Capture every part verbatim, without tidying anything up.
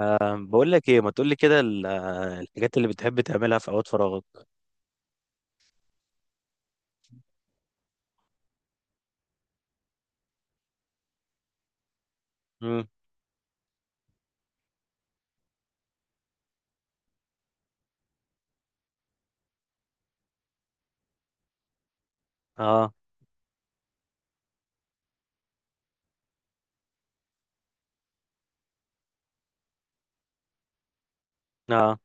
أه بقول لك ايه، ما تقول لي كده ال- آه، الحاجات اللي بتحب تعملها في اوقات فراغك؟ امم. اه. اه.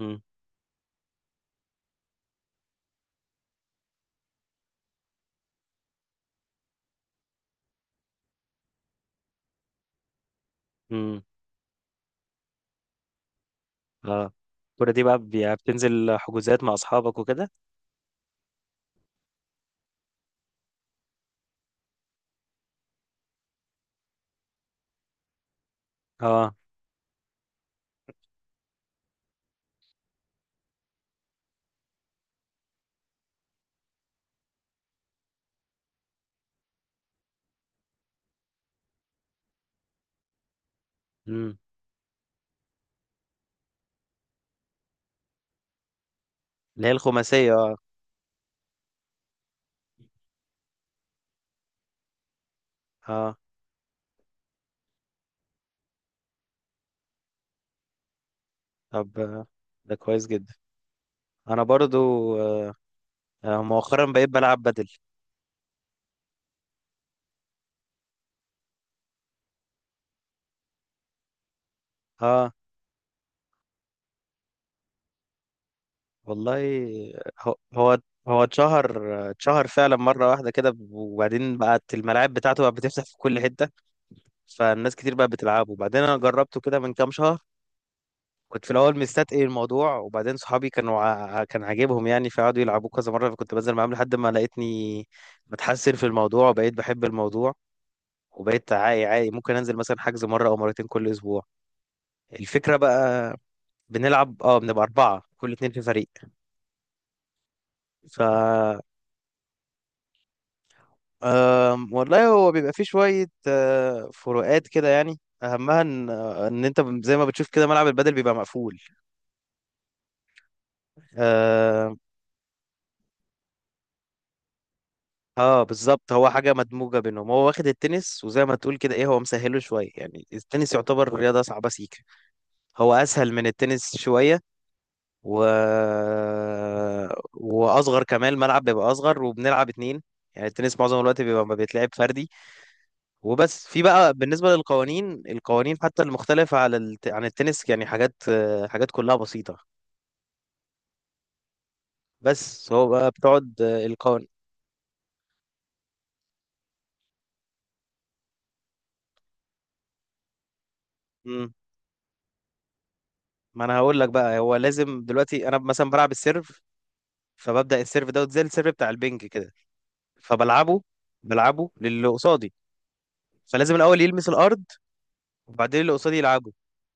امم. امم. اه. الكوره دي بقى بي- بتنزل حجوزات مع اصحابك وكده؟ اه. امم. اللي هي الخماسيه، اه. اه. طب، آه، ده كويس جدا. انا برضو آه آه، مؤخرا بقيت بلعب بدل. اه. والله، هو هو هو اتشهر اتشهر فعلا مره واحده كده، وبعدين بقت الملاعب بتاعته بقت بتفتح في كل حته. فالناس كتير بقت بتلعبه، وبعدين انا جربته كده من كام شهر. كنت في الاول مستتقي الموضوع، وبعدين صحابي كانوا ع... كان عاجبهم يعني، فقعدوا يلعبوه كذا مره، فكنت بنزل معاهم لحد ما لقيتني بتحسن في الموضوع، وبقيت بحب الموضوع. وبقيت عاقي عاقي ممكن انزل مثلا حجز مره او مرتين كل اسبوع. الفكره بقى، بنلعب، اه بنبقى اربعه كل اتنين في فريق. ف أم... والله، هو بيبقى فيه شويه آه، فروقات كده يعني، اهمها ان ان انت زي ما بتشوف كده ملعب البدل بيبقى مقفول. اه، بالظبط. هو حاجة مدموجة بينهم، هو واخد التنس وزي ما تقول كده ايه، هو مسهله شوية يعني. التنس يعتبر رياضة صعبة سيكة. هو اسهل من التنس شوية. و... واصغر كمان، الملعب بيبقى اصغر وبنلعب اتنين. يعني التنس معظم الوقت بيبقى ما بيتلعب فردي. وبس. في بقى بالنسبة للقوانين، القوانين حتى المختلفة على الت... عن التنس، يعني حاجات حاجات كلها بسيطة. بس هو بقى بتقعد القوانين. ما انا هقول لك بقى، هو لازم دلوقتي انا مثلا بلعب السيرف. فببدأ السيرف دوت، زي السيرف بتاع البنج كده. فبلعبه بلعبه للي قصادي. فلازم الأول يلمس الأرض. وبعدين اللي قصادي يلعبه.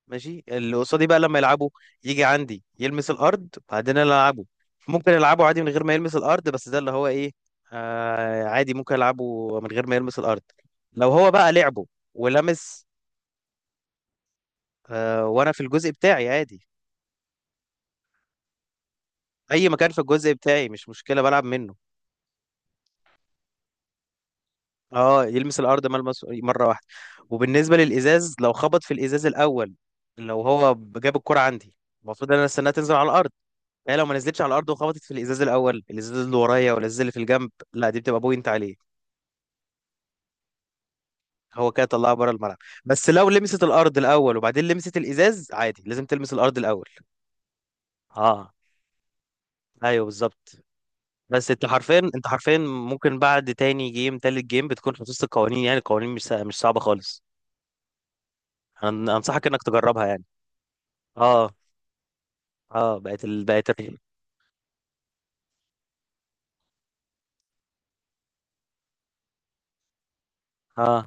ماشي، اللي قصادي بقى لما يلعبه، يجي عندي يلمس الأرض، بعدين أنا ألعبه. ممكن ألعبه عادي من غير ما يلمس الأرض، بس ده اللي هو إيه. آه عادي ممكن ألعبه من غير ما يلمس الأرض، لو هو بقى لعبه ولمس. آه وأنا في الجزء بتاعي عادي. أي مكان في الجزء بتاعي، مش مشكلة بلعب منه. اه، يلمس الارض ملمس مره واحده. وبالنسبه للازاز، لو خبط في الازاز الاول، لو هو جاب الكره عندي، المفروض ان انا استناها تنزل على الارض. هي لو ما نزلتش على الارض وخبطت في الازاز الاول، الازاز اللي ورايا ولا الازاز اللي في الجنب، لا دي بتبقى بوينت عليه. هو كده طلعها بره الملعب. بس لو لمست الارض الاول وبعدين لمست الازاز، عادي. لازم تلمس الارض الاول. اه، ايوه، بالظبط. بس انت حرفيا انت حرفيا ممكن بعد تاني جيم تالت جيم بتكون حفظت القوانين، يعني القوانين مش سا- مش صعبه خالص. أنا- انصحك انك تجربها يعني. اه. اه. بقت ال... بقت ال- اه.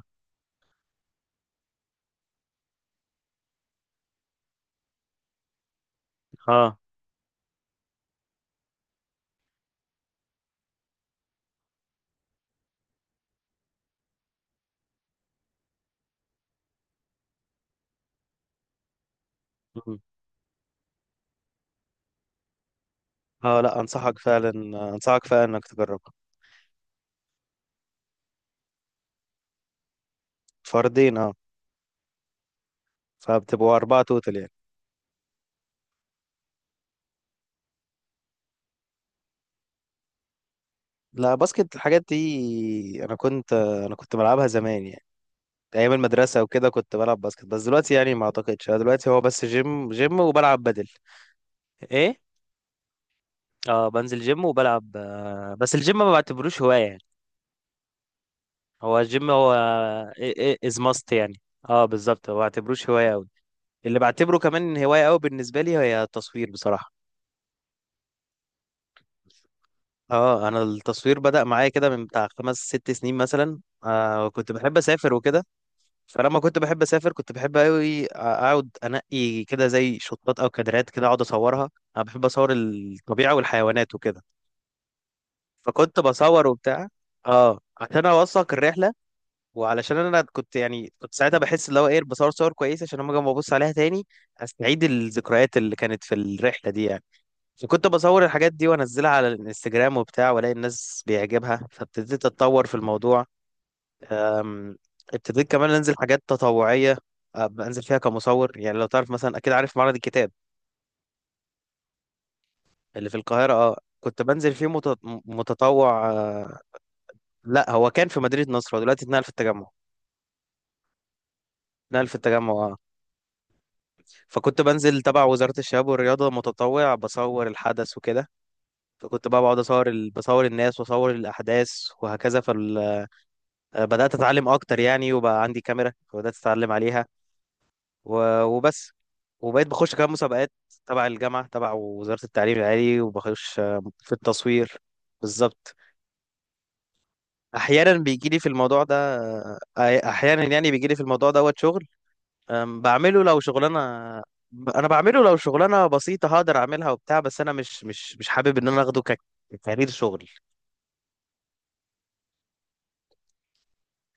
اه. مم. اه، لا انصحك فعلا. انصحك فعلا انك تجربها. فردين، اه. فبتبقوا اربعة توتال يعني. لا، باسكت الحاجات دي انا كنت انا كنت بلعبها زمان يعني. ايام المدرسة وكده كنت بلعب باسكت، بس دلوقتي يعني ما اعتقدش. أنا دلوقتي هو بس جيم جيم وبلعب بدل. ايه. اه، بنزل جيم وبلعب، آه، بس الجيم ما بعتبروش هواية يعني. هو الجيم هو از ماست يعني. اه، بالظبط. هو ما بعتبروش هواية أوي. اللي بعتبره كمان هواية قوي بالنسبة لي هي التصوير، بصراحة. اه. انا التصوير بدأ معايا كده من بتاع خمس ست سنين مثلا. آه كنت بحب اسافر وكده. فلما كنت بحب اسافر، كنت بحب قوي اقعد انقي كده زي شطات او كادرات كده اقعد اصورها. انا بحب اصور الطبيعة والحيوانات وكده. فكنت بصور وبتاع. اه، عشان اوثق الرحلة. وعلشان انا كنت يعني، كنت ساعتها بحس اللي هو ايه، بصور صور كويسة عشان لما اجي أما ابص عليها تاني استعيد الذكريات اللي كانت في الرحلة دي يعني. كنت بصور الحاجات دي وانزلها على الانستجرام وبتاع، والاقي الناس بيعجبها، فابتديت اتطور في الموضوع. أم، ابتديت كمان انزل حاجات تطوعية. أه، بنزل فيها كمصور يعني. لو تعرف مثلا، اكيد عارف معرض الكتاب اللي في القاهرة. اه، كنت بنزل فيه مت- متطوع آه، لا، هو كان في مدينة نصر، هو دلوقتي اتنقل في التجمع. اتنقل في التجمع، اه. فكنت بنزل تبع وزارة الشباب والرياضة متطوع، بصور الحدث وكده. فكنت بقى بقعد اصور ال... بصور الناس واصور الاحداث. وهكذا فال... آه، بدأت أتعلم أكتر يعني، وبقى عندي كاميرا فبدأت أتعلم عليها. و- وبس. وبقيت بخش كمان مسابقات. تبع الجامعة، تبع وزارة التعليم العالي، وبخش آه، في التصوير. بالظبط. أحيانا بيجي لي في الموضوع ده آه، أحيانا يعني بيجي لي في الموضوع دوت شغل. آم، بعمله لو شغلانة ب- أنا بعمله لو شغلانة بسيطة هقدر أعملها وبتاع. بس أنا مش مش مش حابب إن أنا أخده ك- ككارير شغل.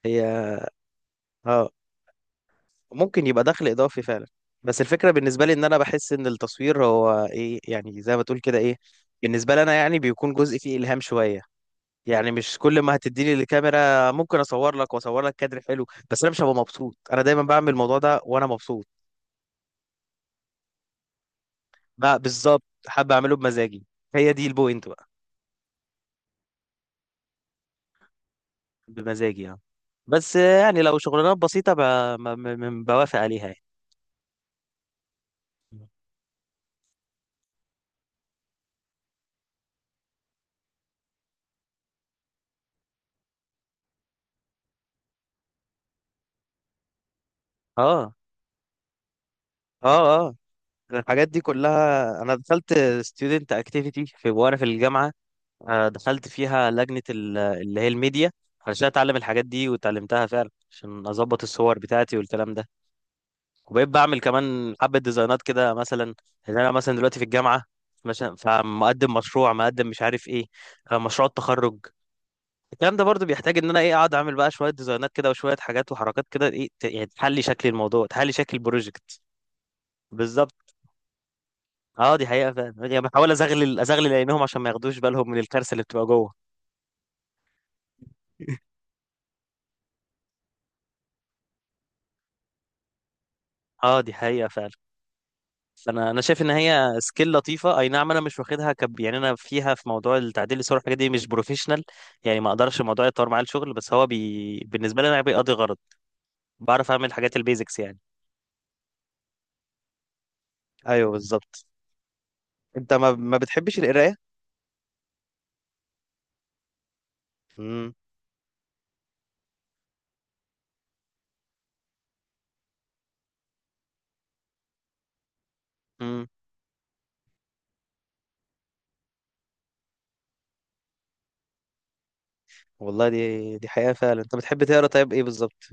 هي. اه، ممكن يبقى دخل اضافي فعلا. بس الفكره بالنسبه لي، ان انا بحس ان التصوير هو ايه يعني، زي ما تقول كده ايه. بالنسبه لي انا يعني، بيكون جزء فيه الهام شويه. يعني مش كل ما هتديني الكاميرا ممكن اصور لك، واصور لك كادر حلو، بس انا مش هبقى مبسوط. انا دايما بعمل الموضوع ده وانا مبسوط. بقى بالظبط، حابب اعمله بمزاجي. هي دي البوينت بقى. بمزاجي يعني. بس يعني لو شغلانات بسيطه ب... م- م- بوافق عليها يعني. اه. اه. اه. الحاجات دي كلها انا دخلت ستودنت اكتيفيتي، في وانا في الجامعه. آه، دخلت فيها لجنة ال- اللي هي الميديا. علشان اتعلم الحاجات دي، واتعلمتها فعلا عشان اظبط الصور بتاعتي والكلام ده. وبقيت بعمل كمان حبة ديزاينات كده مثلا. ان انا مثلا دلوقتي في الجامعة. مثلا فمقدم مشروع، مقدم مش عارف ايه. آه، مشروع التخرج. الكلام ده برضو بيحتاج ان انا ايه، اقعد اعمل بقى شوية ديزاينات كده وشوية حاجات وحركات كده ايه ت- يعني تحلي شكل الموضوع، تحلي شكل البروجكت. بالظبط. اه، دي حقيقة فعلا يعني، بحاول ازغلل ازغلل عينيهم عشان ما ياخدوش بالهم من الكارثة اللي بتبقى جوه. اه، دي حقيقة فعلا. فانا انا شايف ان هي سكيل لطيفه. اي نعم، انا مش واخدها كب يعني. انا فيها في موضوع التعديل الصور والحاجات دي مش بروفيشنال. يعني ما اقدرش الموضوع يتطور معايا الشغل، بس هو بي... بالنسبه لي انا بيقضي غرض. بعرف اعمل حاجات البيزكس يعني. ايوه، بالظبط. انت ما ما بتحبش القرايه؟ امم. امم. والله دي دي حقيقه فعلا. انت بتحب تقرا طيب، ايه بالظبط؟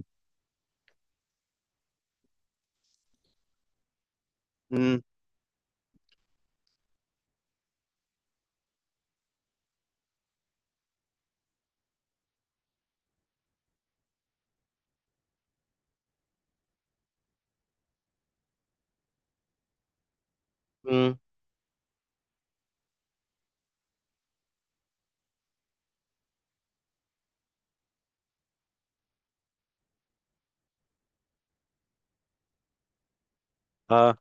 امم. امم. اه.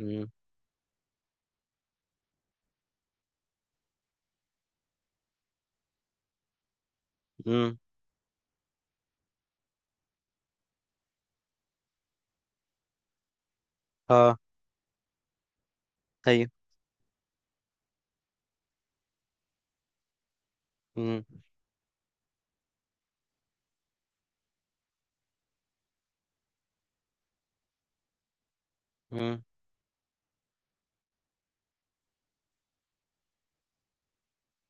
امم. امم. اه. ايوه. امم. امم.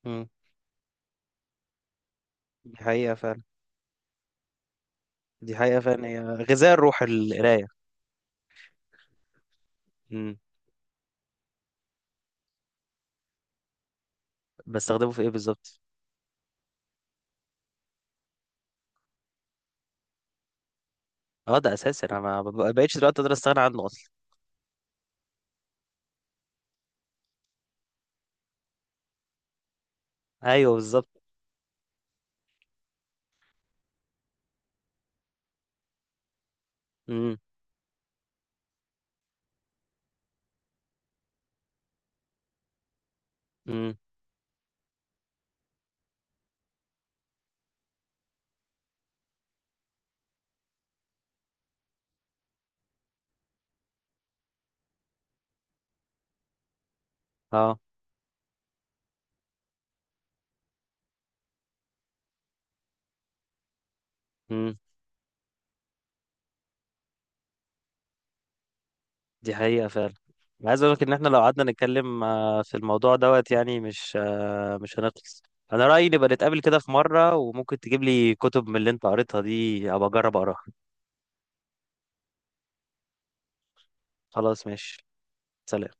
امم. دي حقيقه فعلا. دي حقيقه فعلا، هي غذاء الروح القرايه. امم. بستخدمه في ايه بالظبط؟ اه، ده اساسي. انا ما ما بقتش دلوقتي اقدر استغنى عنه اصلا. ايوه، بالظبط. امم. امم. اه. امم. دي حقيقة فعلا. أنا عايز اقول لك ان احنا لو قعدنا نتكلم آه، في الموضوع دوت يعني، مش آه، مش هنخلص. انا رأيي، نبقى نتقابل كده في مرة، وممكن تجيب لي كتب من اللي انت قريتها دي ابقى اجرب اقراها. خلاص، ماشي. سلام.